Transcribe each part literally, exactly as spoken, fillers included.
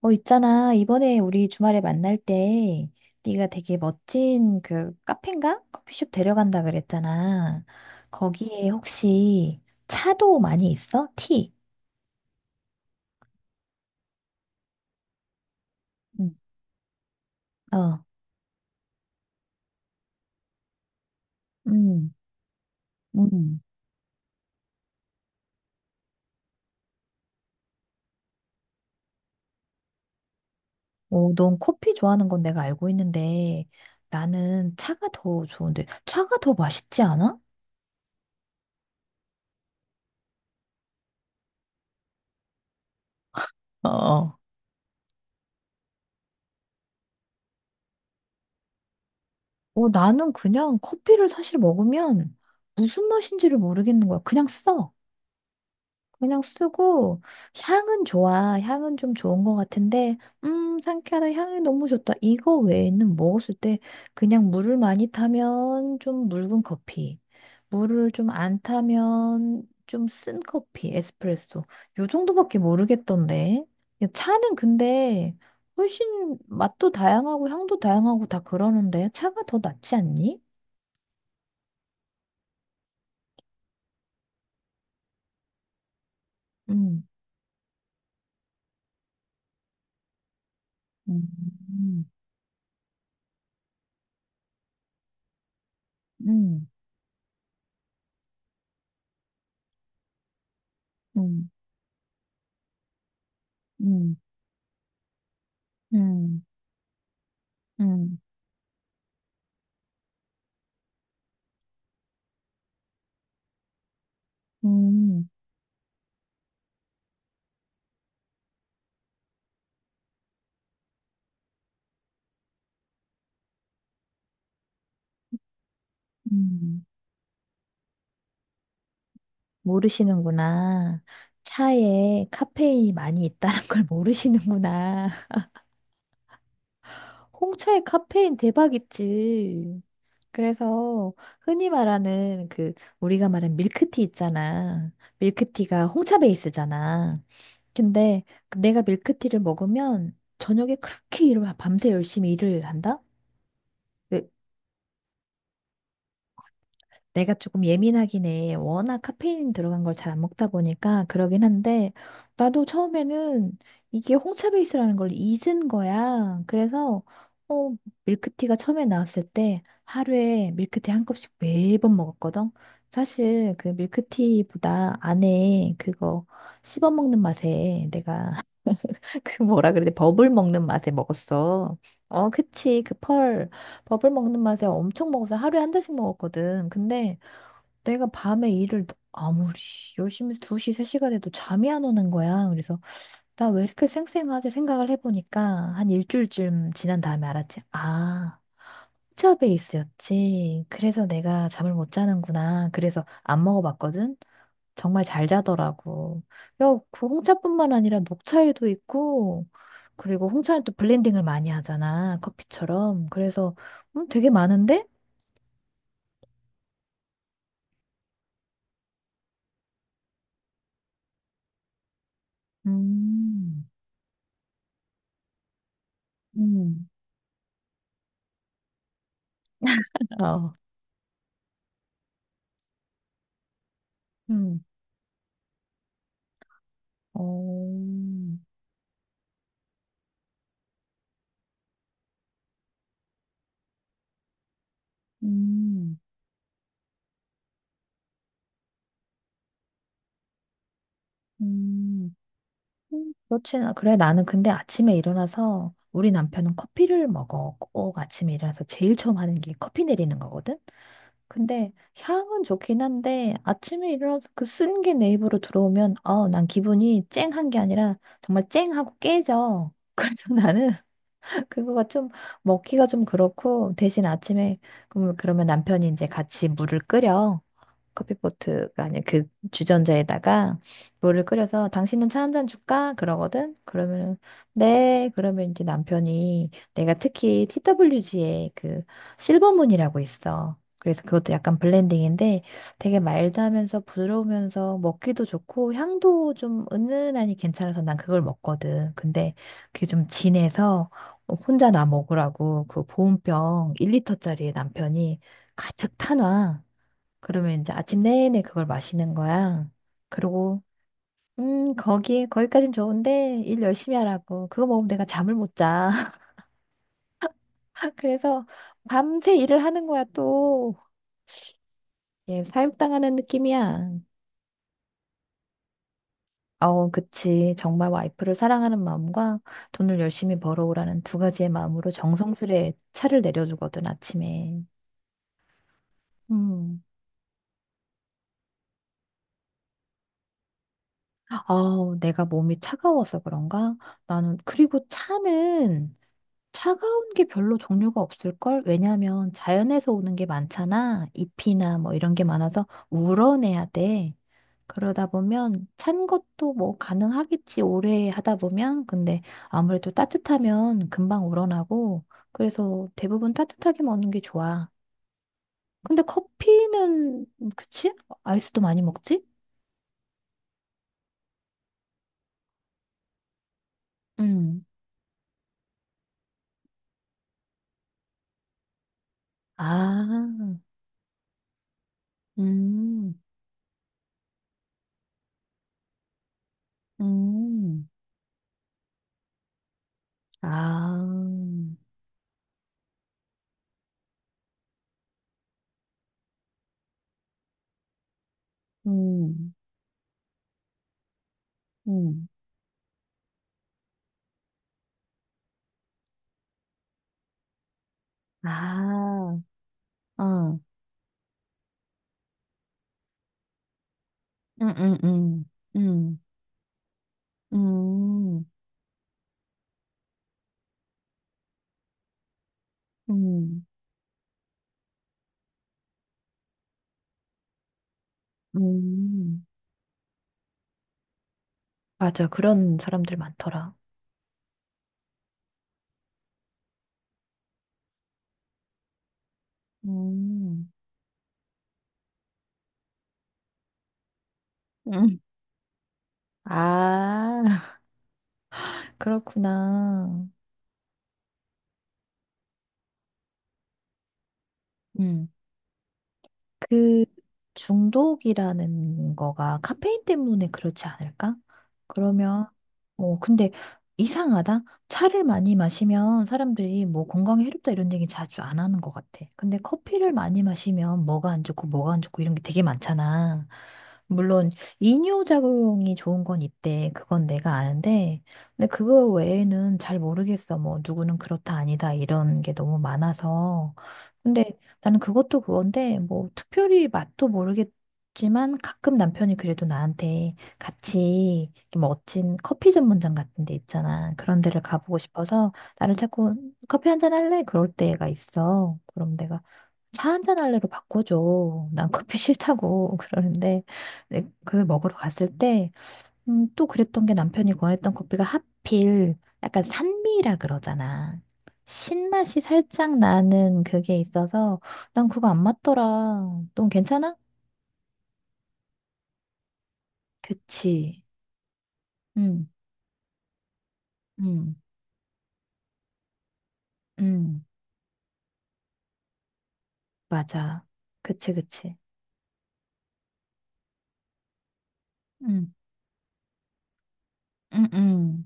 어, 있잖아. 이번에 우리 주말에 만날 때 네가 되게 멋진 그 카페인가? 커피숍 데려간다 그랬잖아. 거기에 혹시 차도 많이 있어? 티? 응. 어. 음, 음. 어, 넌 커피 좋아하는 건 내가 알고 있는데 나는 차가 더 좋은데 차가 더 맛있지 않아? 어, 어. 어, 나는 그냥 커피를 사실 먹으면 무슨 맛인지를 모르겠는 거야. 그냥 써. 그냥 쓰고 향은 좋아. 향은 좀 좋은 것 같은데 음 상쾌하다. 향이 너무 좋다. 이거 외에는 먹었을 때 그냥 물을 많이 타면 좀 묽은 커피. 물을 좀 안 타면 좀 쓴 커피, 에스프레소. 요 정도밖에 모르겠던데. 야, 차는 근데 훨씬 맛도 다양하고 향도 다양하고 다 그러는데 차가 더 낫지 않니? 음. 음. 음. 음. 음. 음. 음. 음. 음, 음, 모르시는구나. 차에 카페인이 많이 있다는 걸 모르시는구나. 홍차에 카페인 대박이지. 그래서 흔히 말하는 그 우리가 말하는 밀크티 있잖아. 밀크티가 홍차 베이스잖아. 근데 내가 밀크티를 먹으면 저녁에 그렇게 일을 밤새 열심히 일을 한다? 왜- 내가 조금 예민하긴 해. 워낙 카페인 들어간 걸 잘 안 먹다 보니까 그러긴 한데, 나도 처음에는 이게 홍차 베이스라는 걸 잊은 거야. 그래서, 어, 밀크티가 처음에 나왔을 때 하루에 밀크티 한 컵씩 매번 먹었거든. 사실 그 밀크티보다 안에 그거 씹어 먹는 맛에 내가 그 뭐라 그래, 버블 먹는 맛에 먹었어. 어, 그치. 그 펄, 버블 먹는 맛에 엄청 먹어서 하루에 한 잔씩 먹었거든. 근데 내가 밤에 일을 아무리 열심히 두 시, 세 시가 돼도 잠이 안 오는 거야. 그래서 나 왜 이렇게 쌩쌩하지 생각을 해보니까 한 일주일쯤 지난 다음에 알았지. 아, 홍차 베이스였지. 그래서 내가 잠을 못 자는구나. 그래서 안 먹어봤거든. 정말 잘 자더라고. 야, 그 홍차뿐만 아니라 녹차에도 있고, 그리고 홍차는 또 블렌딩을 많이 하잖아. 커피처럼. 그래서 음, 되게 많은데? 음, 음, 어, 음. 어, 음, 음, 음, 그렇진, 않- 그래, 나는 근데 아침에 일어나서 우리 남편은 커피를 먹어. 꼭 아침에 일어나서 제일 처음 하는 게 커피 내리는 거거든? 근데 향은 좋긴 한데 아침에 일어나서 그 쓴 게 내 입으로 들어오면, 어, 난 기분이 쨍한 게 아니라 정말 쨍하고 깨져. 그래서 나는 그거가 좀 먹기가 좀 그렇고 대신 아침에 그럼- 그러면 남편이 이제 같이 물을 끓여. 커피포트가 아닌 그 주전자에다가 물을 끓여서 당신은 차 한 잔 줄까? 그러거든. 그러면은 네. 그러면 이제 남편이 내가 특히 티더블유지에 그 실버문이라고 있어. 그래서 그것도 약간 블렌딩인데 되게 마일드하면서 부드러우면서 먹기도 좋고 향도 좀 은은하니 괜찮아서 난 그걸 먹거든. 근데 그게 좀 진해서 혼자 나 먹으라고 그 보온병 일 리터짜리 남편이 가득 타놔. 그러면 이제 아침 내내 그걸 마시는 거야. 그리고 음, 거기 거기까진 좋은데 일 열심히 하라고. 그거 먹으면 내가 잠을 못 자. 그래서 밤새 일을 하는 거야 또. 얘 사육당하는 느낌이야. 어, 그치. 정말 와이프를 사랑하는 마음과 돈을 열심히 벌어오라는 두 가지의 마음으로 정성스레 차를 내려주거든, 아침에. 음. 아우, 내가 몸이 차가워서 그런가? 나는, 그리고 차는 차가운 게 별로 종류가 없을걸? 왜냐면 자연에서 오는 게 많잖아. 잎이나 뭐 이런 게 많아서 우러내야 돼. 그러다 보면 찬 것도 뭐 가능하겠지. 오래 하다 보면. 근데 아무래도 따뜻하면 금방 우러나고. 그래서 대부분 따뜻하게 먹는 게 좋아. 근데 커피는, 그치? 아이스도 많이 먹지? 음. 아, 음, 음, 아, 음, 음. 아, 어, 응, 응, 응, 응, 응, 응, 응. 맞아, 그런 사람들 많더라. 응, 응. 아, 그렇구나. 응. 그 중독이라는 거가 카페인 때문에 그렇지 않을까? 그러면 뭐 근데 이상하다. 차를 많이 마시면 사람들이 뭐 건강에 해롭다 이런 얘기 자주 안 하는 것 같아. 근데 커피를 많이 마시면 뭐가 안 좋고 뭐가 안 좋고 이런 게 되게 많잖아. 물론 이뇨작용이 좋은 건 있대. 그건 내가 아는데 근데 그거 외에는 잘 모르겠어. 뭐 누구는 그렇다 아니다 이런 게 너무 많아서. 근데 나는 그것도 그건데, 뭐, 특별히 맛도 모르겠지만, 가끔 남편이 그래도 나한테 같이 이렇게 뭐 멋진 커피 전문점 같은 데 있잖아. 그런 데를 가보고 싶어서, 나를 자꾸 커피 한잔 할래? 그럴 때가 있어. 그럼 내가 차 한잔 할래로 바꿔줘. 난 커피 싫다고. 그러는데, 내- 그 먹으러 갔을 때, 음, 또 그랬던 게 남편이 권했던 커피가 하필 약간 산미라 그러잖아. 신맛이 살짝 나는 그게 있어서 난 그거 안 맞더라. 넌 괜찮아? 그치. 응, 응, 응. 맞아. 그치, 그치. 응, 응, 응.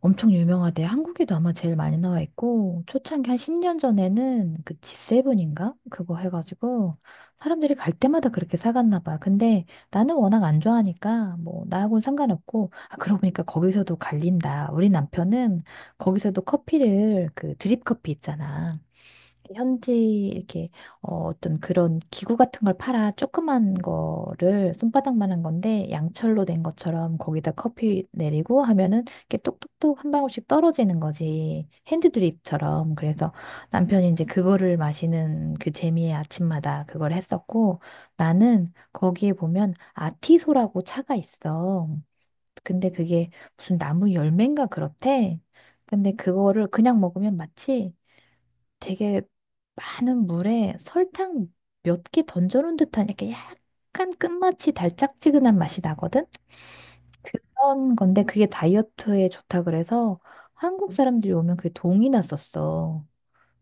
엄청 유명하대. 한국에도 아마 제일 많이 나와 있고, 초창기 한 십 년 전에는 그 지칠인가? 그거 해가지고, 사람들이 갈 때마다 그렇게 사갔나 봐. 근데 나는 워낙 안 좋아하니까, 뭐, 나하고는 상관없고, 아, 그러고 보니까 거기서도 갈린다. 우리 남편은 거기서도 커피를, 그 드립 커피 있잖아. 현지 이렇게 어, 어떤 그런 기구 같은 걸 팔아 조그만 거를 손바닥만한 건데 양철로 된 것처럼 거기다 커피 내리고 하면은 이렇게 똑똑똑 한 방울씩 떨어지는 거지 핸드드립처럼 그래서 남편이 이제 그거를 마시는 그 재미에 아침마다 그걸 했었고 나는 거기에 보면 아티소라고 차가 있어 근데 그게 무슨 나무 열매인가 그렇대 근데 그거를 그냥 먹으면 마치 되게 많은 물에 설탕 몇 개 던져놓은 듯한 이렇게 약간 끝맛이 달짝지근한 맛이 나거든? 그런 건데 그게 다이어트에 좋다 그래서 한국 사람들이 오면 그게 동이 났었어.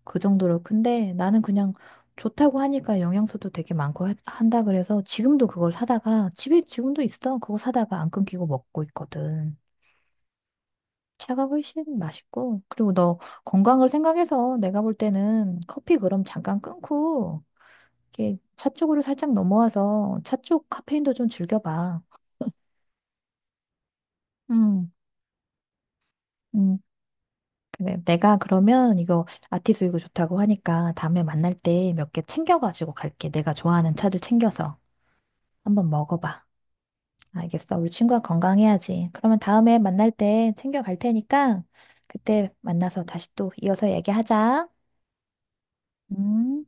그 정도로. 근데 나는 그냥 좋다고 하니까 영양소도 되게 많고 하- 한다 그래서 지금도 그걸 사다가 집에 지금도 있어. 그거 사다가 안 끊기고 먹고 있거든. 차가 훨씬 맛있고 그리고 너 건강을 생각해서 내가 볼 때는 커피 그럼 잠깐 끊고 이렇게 차 쪽으로 살짝 넘어와서 차 쪽 카페인도 좀 즐겨봐. 음, 음. 그래. 내가 그러면 이거 아티수 이거 좋다고 하니까 다음에 만날 때 몇 개 챙겨가지고 갈게. 내가 좋아하는 차들 챙겨서 한번 먹어봐. 알겠어. 우리 친구가 건강해야지. 그러면 다음에 만날 때 챙겨갈 테니까 그때 만나서 다시 또 이어서 얘기하자. 음.